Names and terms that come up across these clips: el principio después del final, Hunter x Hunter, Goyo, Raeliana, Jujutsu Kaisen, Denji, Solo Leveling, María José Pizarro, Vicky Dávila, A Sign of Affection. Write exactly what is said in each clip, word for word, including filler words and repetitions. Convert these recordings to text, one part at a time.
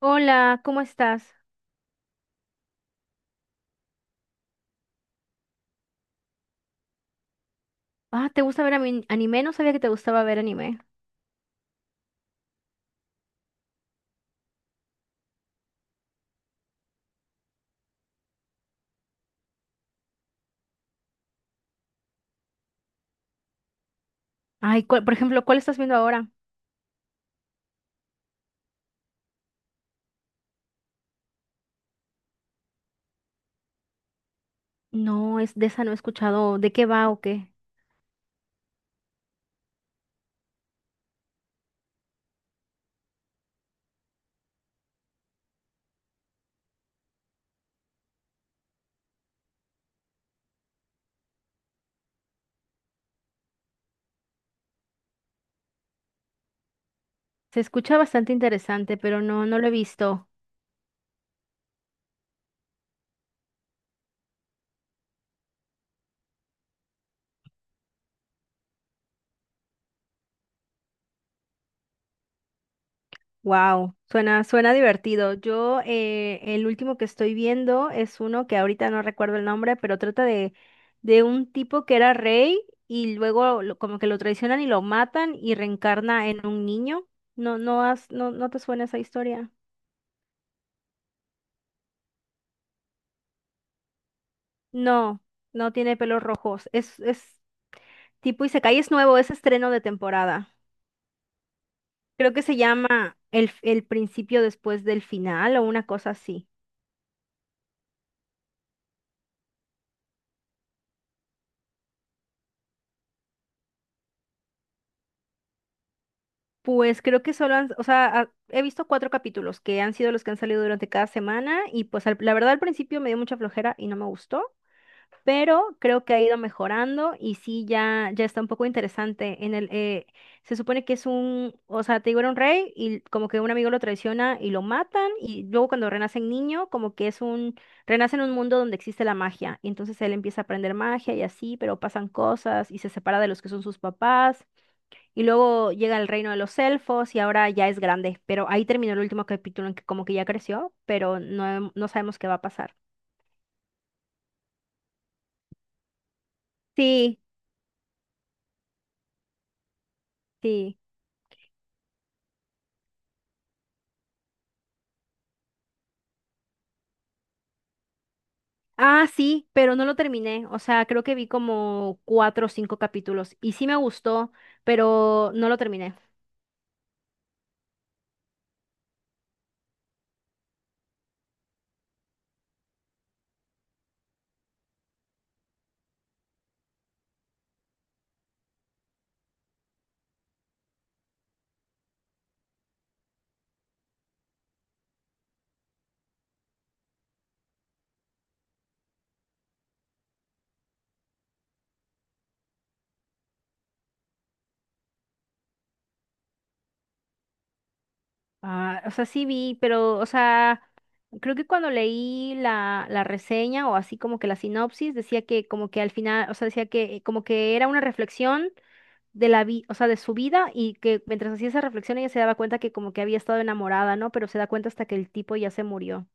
Hola, ¿cómo estás? Ah, ¿te gusta ver ami- anime? No sabía que te gustaba ver anime. Ay, ¿cuál- por ejemplo, ¿cuál estás viendo ahora? No, es de esa no he escuchado. ¿De qué va o qué? Se escucha bastante interesante, pero no, no lo he visto. Wow, suena, suena divertido. Yo, eh, el último que estoy viendo es uno que ahorita no recuerdo el nombre, pero trata de, de un tipo que era rey y luego lo- como que lo traicionan y lo matan y reencarna en un niño. No, no has, no, no te suena esa historia. No, no tiene pelos rojos. Es, es tipo Isekai, es nuevo, es estreno de temporada. Creo que se llama el, el principio después del final o una cosa así. Pues creo que solo han, o sea, ha- he visto cuatro capítulos que han sido los que han salido durante cada semana y pues al- la verdad al principio me dio mucha flojera y no me gustó, pero creo que ha ido mejorando y sí, ya, ya está un poco interesante. En el, eh, se supone que es un, o sea, te digo, era un rey y como que un amigo lo traiciona y lo matan y luego cuando renacen niño, como que es un, renace en un mundo donde existe la magia y entonces él empieza a aprender magia y así, pero pasan cosas y se separa de los que son sus papás y luego llega al reino de los elfos y ahora ya es grande, pero ahí terminó el último capítulo en que como que ya creció, pero no, no sabemos qué va a pasar. Sí, sí. Ah, sí, pero no lo terminé. O sea, creo que vi como cuatro o cinco capítulos y sí me gustó, pero no lo terminé. Ah, o sea, sí vi, pero, o sea, creo que cuando leí la, la reseña o así como que la sinopsis, decía que como que al final, o sea, decía que como que era una reflexión de la vida, o sea, de su vida y que mientras hacía esa reflexión ella se daba cuenta que como que había estado enamorada, ¿no? Pero se da cuenta hasta que el tipo ya se murió.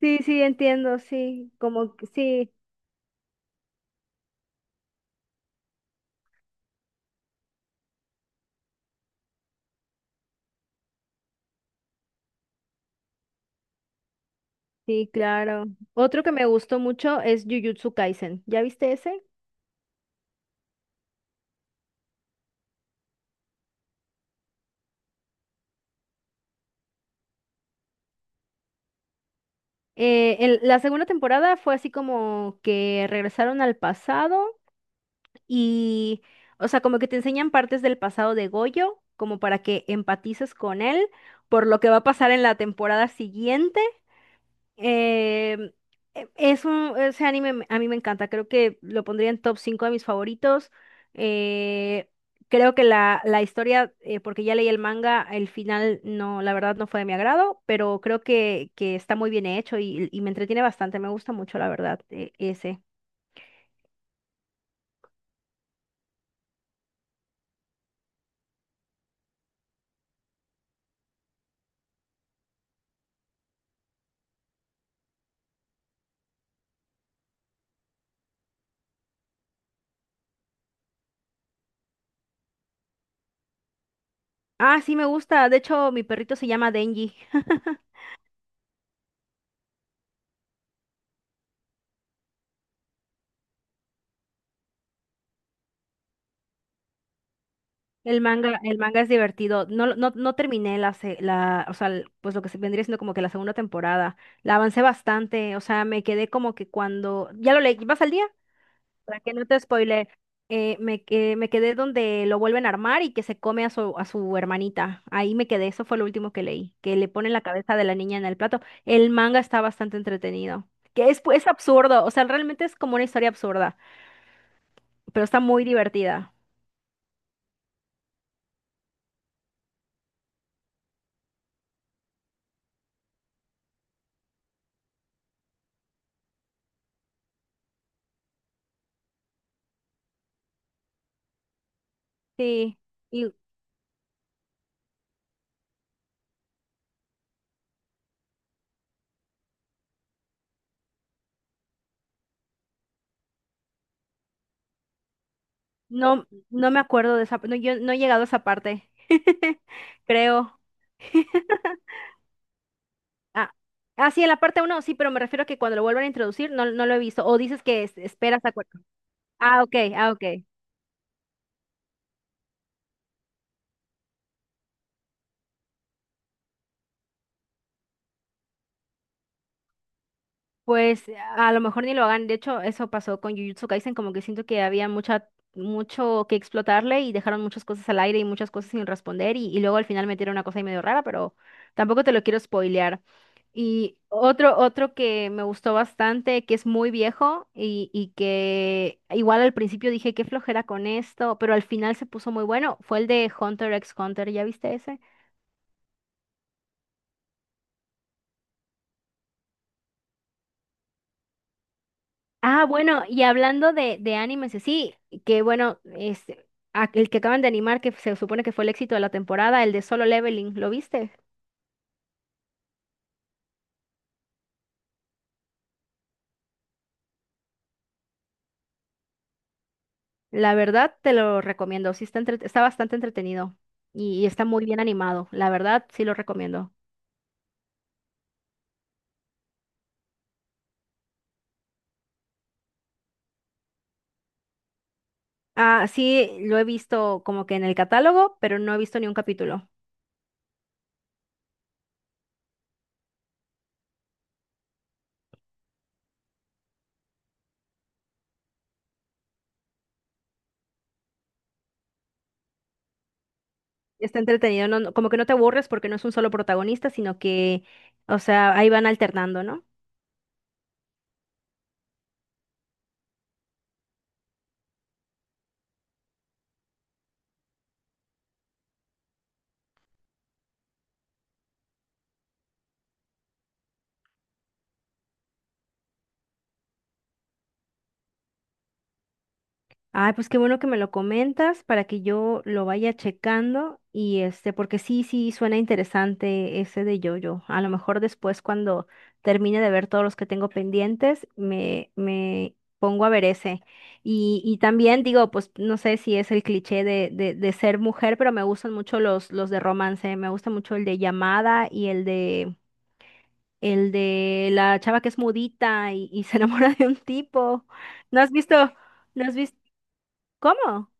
Sí, sí, entiendo, sí, como que sí. Sí, claro. Otro que me gustó mucho es Jujutsu Kaisen. ¿Ya viste ese? Eh, el- la segunda temporada fue así como que regresaron al pasado y, o sea, como que te enseñan partes del pasado de Goyo, como para que empatices con él por lo que va a pasar en la temporada siguiente. Eh, e- es un, ese anime me- a mí me encanta, creo que lo pondría en top cinco de mis favoritos. Eh, creo que la, la historia, eh, porque ya leí el manga, el final no, la verdad no fue de mi agrado, pero creo que, que está muy bien hecho y, y me entretiene bastante, me gusta mucho, la verdad, e- ese. Ah, sí, me gusta, de hecho mi perrito se llama Denji. El manga, el manga es divertido. No, no, no terminé la, se- la, o sea, l- pues lo que se vendría siendo como que la segunda temporada. La avancé bastante, o sea, me quedé como que cuando, ya lo leí, ¿vas al día? Para que no te spoile, eh, me, que- me quedé donde lo vuelven a armar y que se come a su, a su hermanita. Ahí me quedé, eso fue lo último que leí, que le ponen la cabeza de la niña en el plato. El manga está bastante entretenido, que es, pues, absurdo, o sea, realmente es como una historia absurda, pero está muy divertida. Sí. No, no me acuerdo de esa, no, yo no he llegado a esa parte, creo. Ah, ah, sí, en la parte uno, sí, pero me refiero a que cuando lo vuelvan a introducir no, no lo he visto. O dices que es- esperas a... cu- Ah, ok, ah, ok. Pues a lo mejor ni lo hagan. De hecho, eso pasó con Jujutsu Kaisen, como que siento que había mucha, mucho que explotarle y dejaron muchas cosas al aire y muchas cosas sin responder y, y luego al final metieron una cosa ahí medio rara, pero tampoco te lo quiero spoilear. Y otro, otro que me gustó bastante, que es muy viejo y, y que igual al principio dije qué flojera con esto, pero al final se puso muy bueno, fue el de Hunter x Hunter, ¿ya viste ese? Ah, bueno, y hablando de, de animes, y sí, que bueno, este, a- el que acaban de animar, que se supone que fue el éxito de la temporada, el de Solo Leveling, ¿lo viste? La verdad te lo recomiendo, sí está, entre- está bastante entretenido y y está muy bien animado, la verdad sí lo recomiendo. Ah, sí, lo he visto como que en el catálogo, pero no he visto ni un capítulo. Está entretenido, no, no- como que no te aburres porque no es un solo protagonista, sino que, o sea, ahí van alternando, ¿no? Ay, pues qué bueno que me lo comentas para que yo lo vaya checando y este, porque sí, sí, suena interesante ese de yo-yo. A lo mejor después cuando termine de ver todos los que tengo pendientes, me, me pongo a ver ese. Y, y también digo, pues no sé si es el cliché de, de, de ser mujer, pero me gustan mucho los, los de romance. Me gusta mucho el de llamada y el de, el de la chava que es mudita y, y se enamora de un tipo. ¿No has visto? ¿No has visto? ¿Cómo?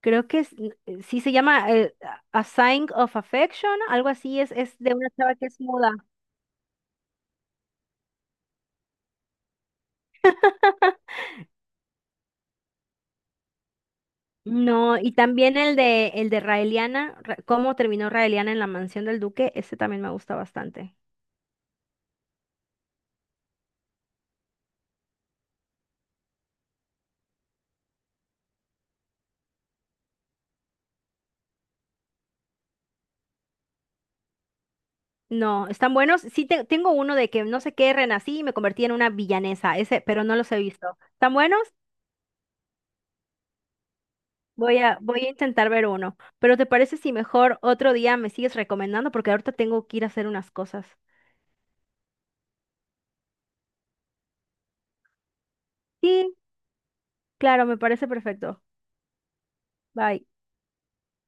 Creo que es- eh, sí se llama eh, A Sign of Affection, algo así, es, es de una chava que es muda. No, y también el de el de Raeliana, Ra- cómo terminó Raeliana en la mansión del duque, ese también me gusta bastante. No, están buenos. Sí, te- tengo uno de que no sé qué, renací y me convertí en una villanesa, ese, pero no los he visto. ¿Están buenos? Voy a, voy a intentar ver uno. Pero ¿te parece si mejor otro día me sigues recomendando? Porque ahorita tengo que ir a hacer unas cosas. Sí, claro, me parece perfecto. Bye.